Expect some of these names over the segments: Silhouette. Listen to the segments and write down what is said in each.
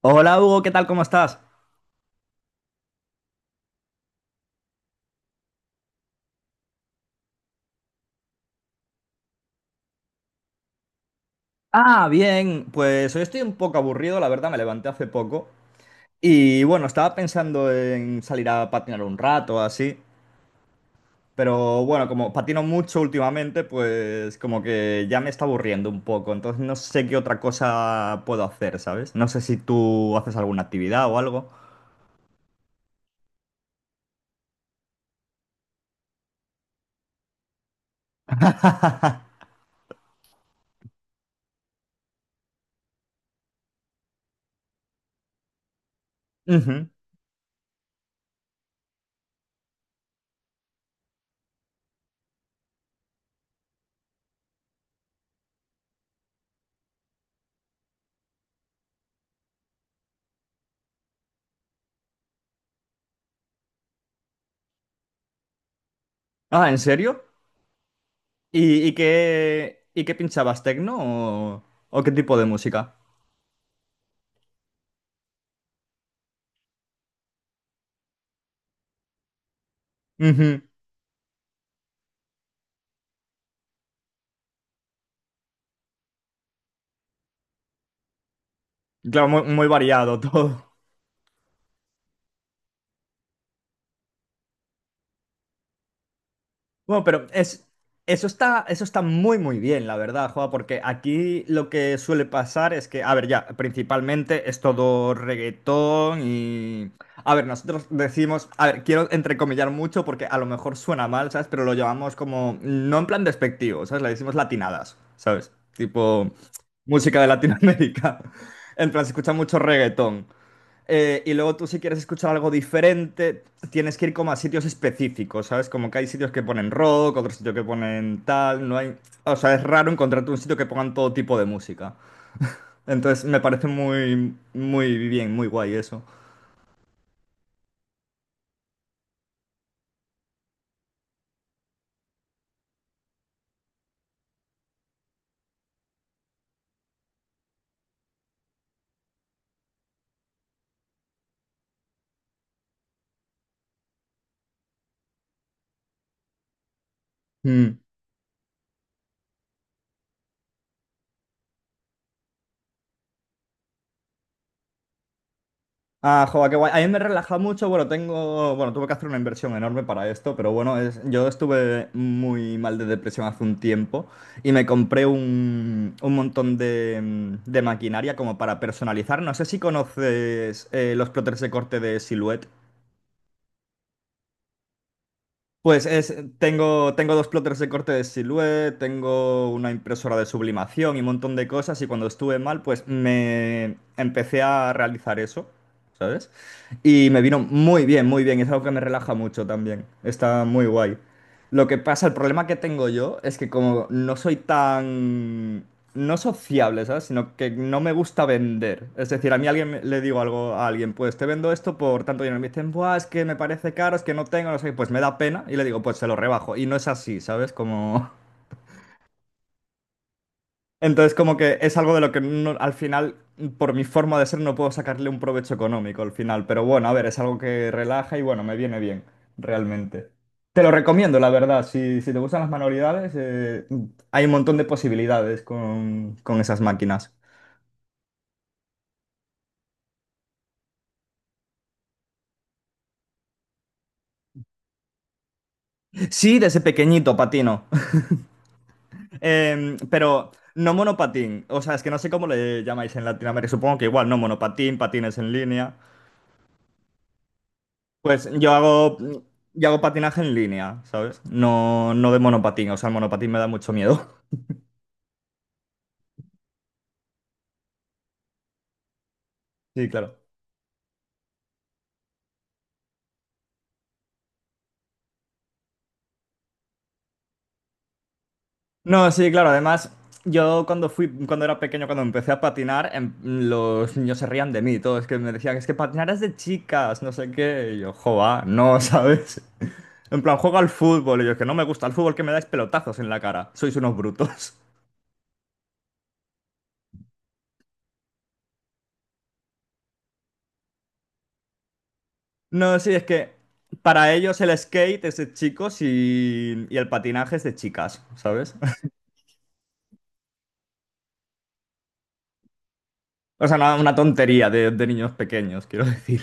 Hola Hugo, ¿qué tal? ¿Cómo estás? Ah, bien, pues hoy estoy un poco aburrido, la verdad, me levanté hace poco. Y bueno, estaba pensando en salir a patinar un rato, o así. Pero bueno, como patino mucho últimamente, pues como que ya me está aburriendo un poco. Entonces no sé qué otra cosa puedo hacer, ¿sabes? No sé si tú haces alguna actividad o algo. Ujú. Ah, ¿en serio? ¿Y qué pinchabas, tecno o, o qué tipo de música? Ujú. Claro, muy, muy variado todo. Bueno, pero eso está muy, muy bien, la verdad, Joa, porque aquí lo que suele pasar es que, a ver, ya, principalmente es todo reggaetón y... A ver, nosotros decimos, a ver, quiero entrecomillar mucho porque a lo mejor suena mal, ¿sabes? Pero lo llamamos como, no en plan despectivo, ¿sabes? Le decimos latinadas, ¿sabes? Tipo música de Latinoamérica. En plan, se escucha mucho reggaetón. Y luego tú si quieres escuchar algo diferente, tienes que ir como a sitios específicos, ¿sabes? Como que hay sitios que ponen rock, otros sitios que ponen tal, no hay... O sea, es raro encontrarte un sitio que pongan todo tipo de música. Entonces me parece muy, muy bien, muy guay eso. Mm. Ah, joder, qué guay. A mí me relaja mucho. Bueno, tengo, bueno, tuve que hacer una inversión enorme para esto, pero bueno, es- yo estuve muy mal de depresión hace un tiempo y me compré un montón de, de maquinaria como para personalizar. No sé si conoces los plotters de corte de Silhouette. Pues es, tengo, tengo dos plotters de corte de Silhouette, tengo una impresora de sublimación y un montón de cosas y cuando estuve mal pues me empecé a realizar eso, ¿sabes? Y me vino muy bien, es algo que me relaja mucho también, está muy guay. Lo que pasa, el problema que tengo yo es que como no soy tan... No sociable, ¿sabes? Sino que no me gusta vender. Es decir, a mí alguien me- le digo algo a alguien, pues te vendo esto por tanto dinero. Y me dicen, buah, es que me parece caro, es que no tengo, no sé, pues me da pena y le digo, pues se lo rebajo. Y no es así, ¿sabes? Como... Entonces, como que es algo de lo que no- al final, por mi forma de ser, no puedo sacarle un provecho económico al final. Pero bueno, a ver, es algo que relaja y bueno, me viene bien, realmente. Te lo recomiendo, la verdad. Si, si te gustan las manualidades, hay un montón de posibilidades con esas máquinas. Sí, desde pequeñito patino. Pero no monopatín. O sea, es que no sé cómo le llamáis en Latinoamérica. Supongo que igual, no monopatín, patines en línea. Pues yo hago patinaje en línea, ¿sabes? No, no de monopatín, o sea, el monopatín me da mucho miedo. Sí, claro. No, sí, claro, además, yo cuando fui, cuando era pequeño, cuando empecé a patinar, los niños se rían de mí, todos que me decían, es que patinar es de chicas, no sé qué, y yo, joa, no, ¿sabes? En plan, juego al fútbol, y yo, "Es que no me gusta el fútbol, que me dais pelotazos en la cara, sois unos brutos. No, sí, es que para ellos el skate es de chicos y el patinaje es de chicas, ¿sabes? O sea, una tontería de niños pequeños, quiero decir.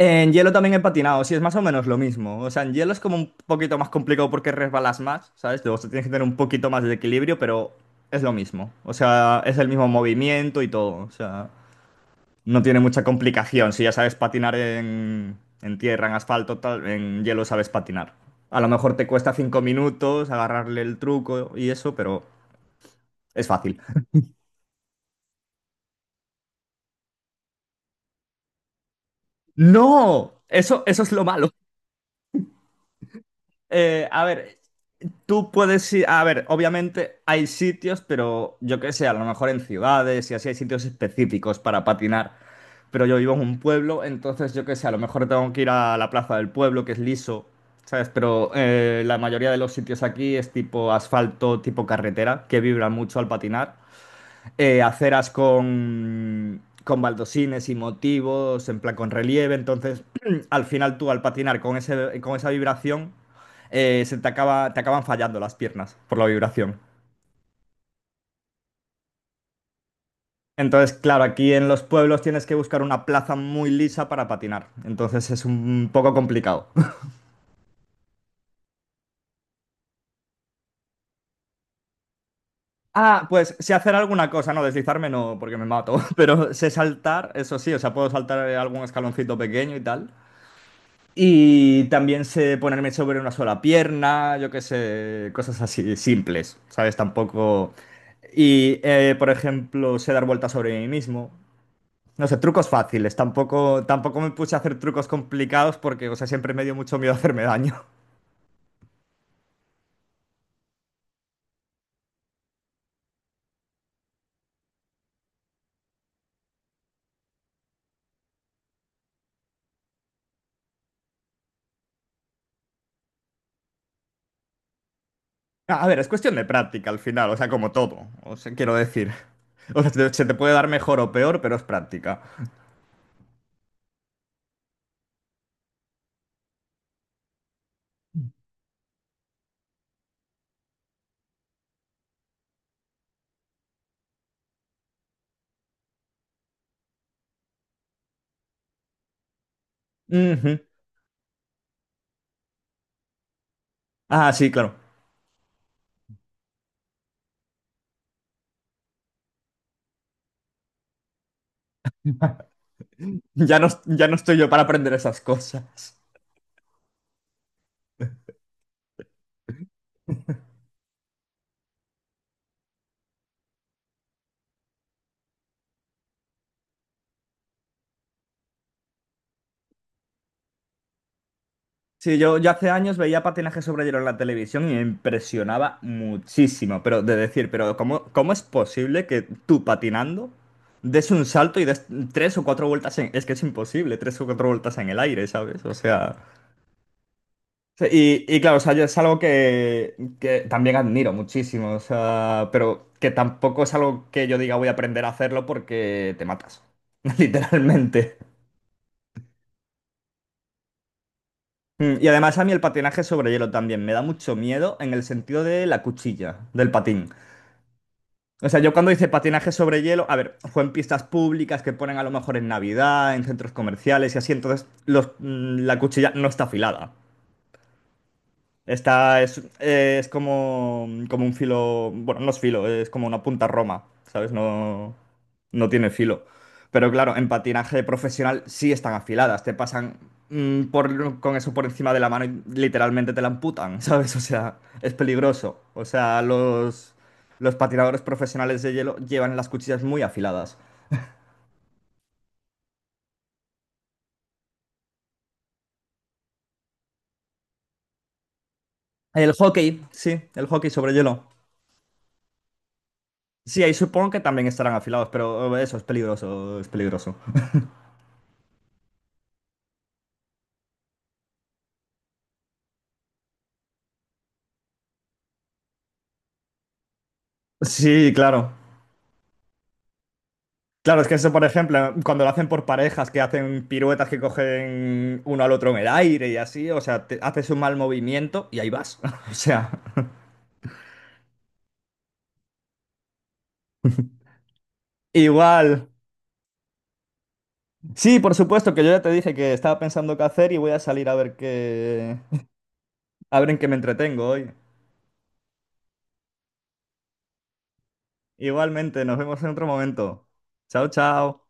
En hielo también he patinado, sí, es más o menos lo mismo. O sea, en hielo es como un poquito más complicado porque resbalas más, ¿sabes? O sea, tienes que tener un poquito más de equilibrio, pero es lo mismo. O sea, es el mismo movimiento y todo. O sea, no tiene mucha complicación. Si ya sabes patinar en tierra, en asfalto, tal, en hielo sabes patinar. A lo mejor te cuesta 5 minutos agarrarle el truco y eso, pero es fácil. ¡No! Eso es lo malo. A ver, tú puedes ir, a ver, obviamente hay sitios, pero yo qué sé, a lo mejor en ciudades y así hay sitios específicos para patinar, pero yo vivo en un pueblo, entonces yo qué sé, a lo mejor tengo que ir a la plaza del pueblo, que es liso, ¿sabes? Pero la mayoría de los sitios aquí es tipo asfalto, tipo carretera, que vibra mucho al patinar aceras con baldosines y motivos, en plan con relieve. Entonces, al final tú al patinar con, ese, con esa vibración, se te, acaba, te acaban fallando las piernas por la vibración. Entonces, claro, aquí en los pueblos tienes que buscar una plaza muy lisa para patinar. Entonces es un poco complicado. Ah, pues sé hacer alguna cosa, no deslizarme no, porque me mato. Pero sé saltar, eso sí, o sea, puedo saltar algún escaloncito pequeño y tal. Y también sé ponerme sobre una sola pierna, yo qué sé, cosas así simples, ¿sabes? Tampoco... Y, por ejemplo, sé dar vueltas sobre mí mismo. No sé, trucos fáciles. Tampoco, tampoco me puse a hacer trucos complicados porque, o sea, siempre me dio mucho miedo hacerme daño. A ver, es cuestión de práctica al final, o sea, como todo. O sea, quiero decir. O sea, te- se te puede dar mejor o peor, pero es práctica. Ujú. Ah, sí, claro. Ya no, ya no estoy yo para aprender esas cosas. Sí, yo hace años veía patinaje sobre hielo en la televisión y me impresionaba muchísimo, pero de decir, pero ¿cómo, cómo es posible que tú patinando des un salto y des tres o cuatro vueltas en... Es que es imposible, tres o cuatro vueltas en el aire, ¿sabes? O sea... sí. Y claro, o sea, yo es algo que también admiro muchísimo, o sea, pero que tampoco es algo que yo diga voy a aprender a hacerlo porque te matas, literalmente. Y además a mí el patinaje sobre hielo también me da mucho miedo en el sentido de la cuchilla, del patín. O sea, yo cuando hice patinaje sobre hielo, a ver, fue en pistas públicas que ponen a lo mejor en Navidad, en centros comerciales y así, entonces los, la cuchilla no está afilada. Está, es como, como un filo, bueno, no es filo, es como una punta roma, ¿sabes? No, no tiene filo. Pero claro, en patinaje profesional sí están afiladas, te pasan por, con eso por encima de la mano y literalmente te la amputan, ¿sabes? O sea, es peligroso. O sea, los patinadores profesionales de hielo llevan las cuchillas muy afiladas. El hockey, sí, el hockey sobre hielo. Sí, ahí supongo que también estarán afilados, pero eso es peligroso, es peligroso. Sí, claro. Claro, es que eso, por ejemplo, cuando lo hacen por parejas, que hacen piruetas que cogen uno al otro en el aire y así, o sea, te- haces un mal movimiento y ahí vas. O sea, igual. Sí, por supuesto, que yo ya te dije que estaba pensando qué hacer y voy a salir a ver qué, a ver en qué me entretengo hoy. Igualmente, nos vemos en otro momento. Chao, chao.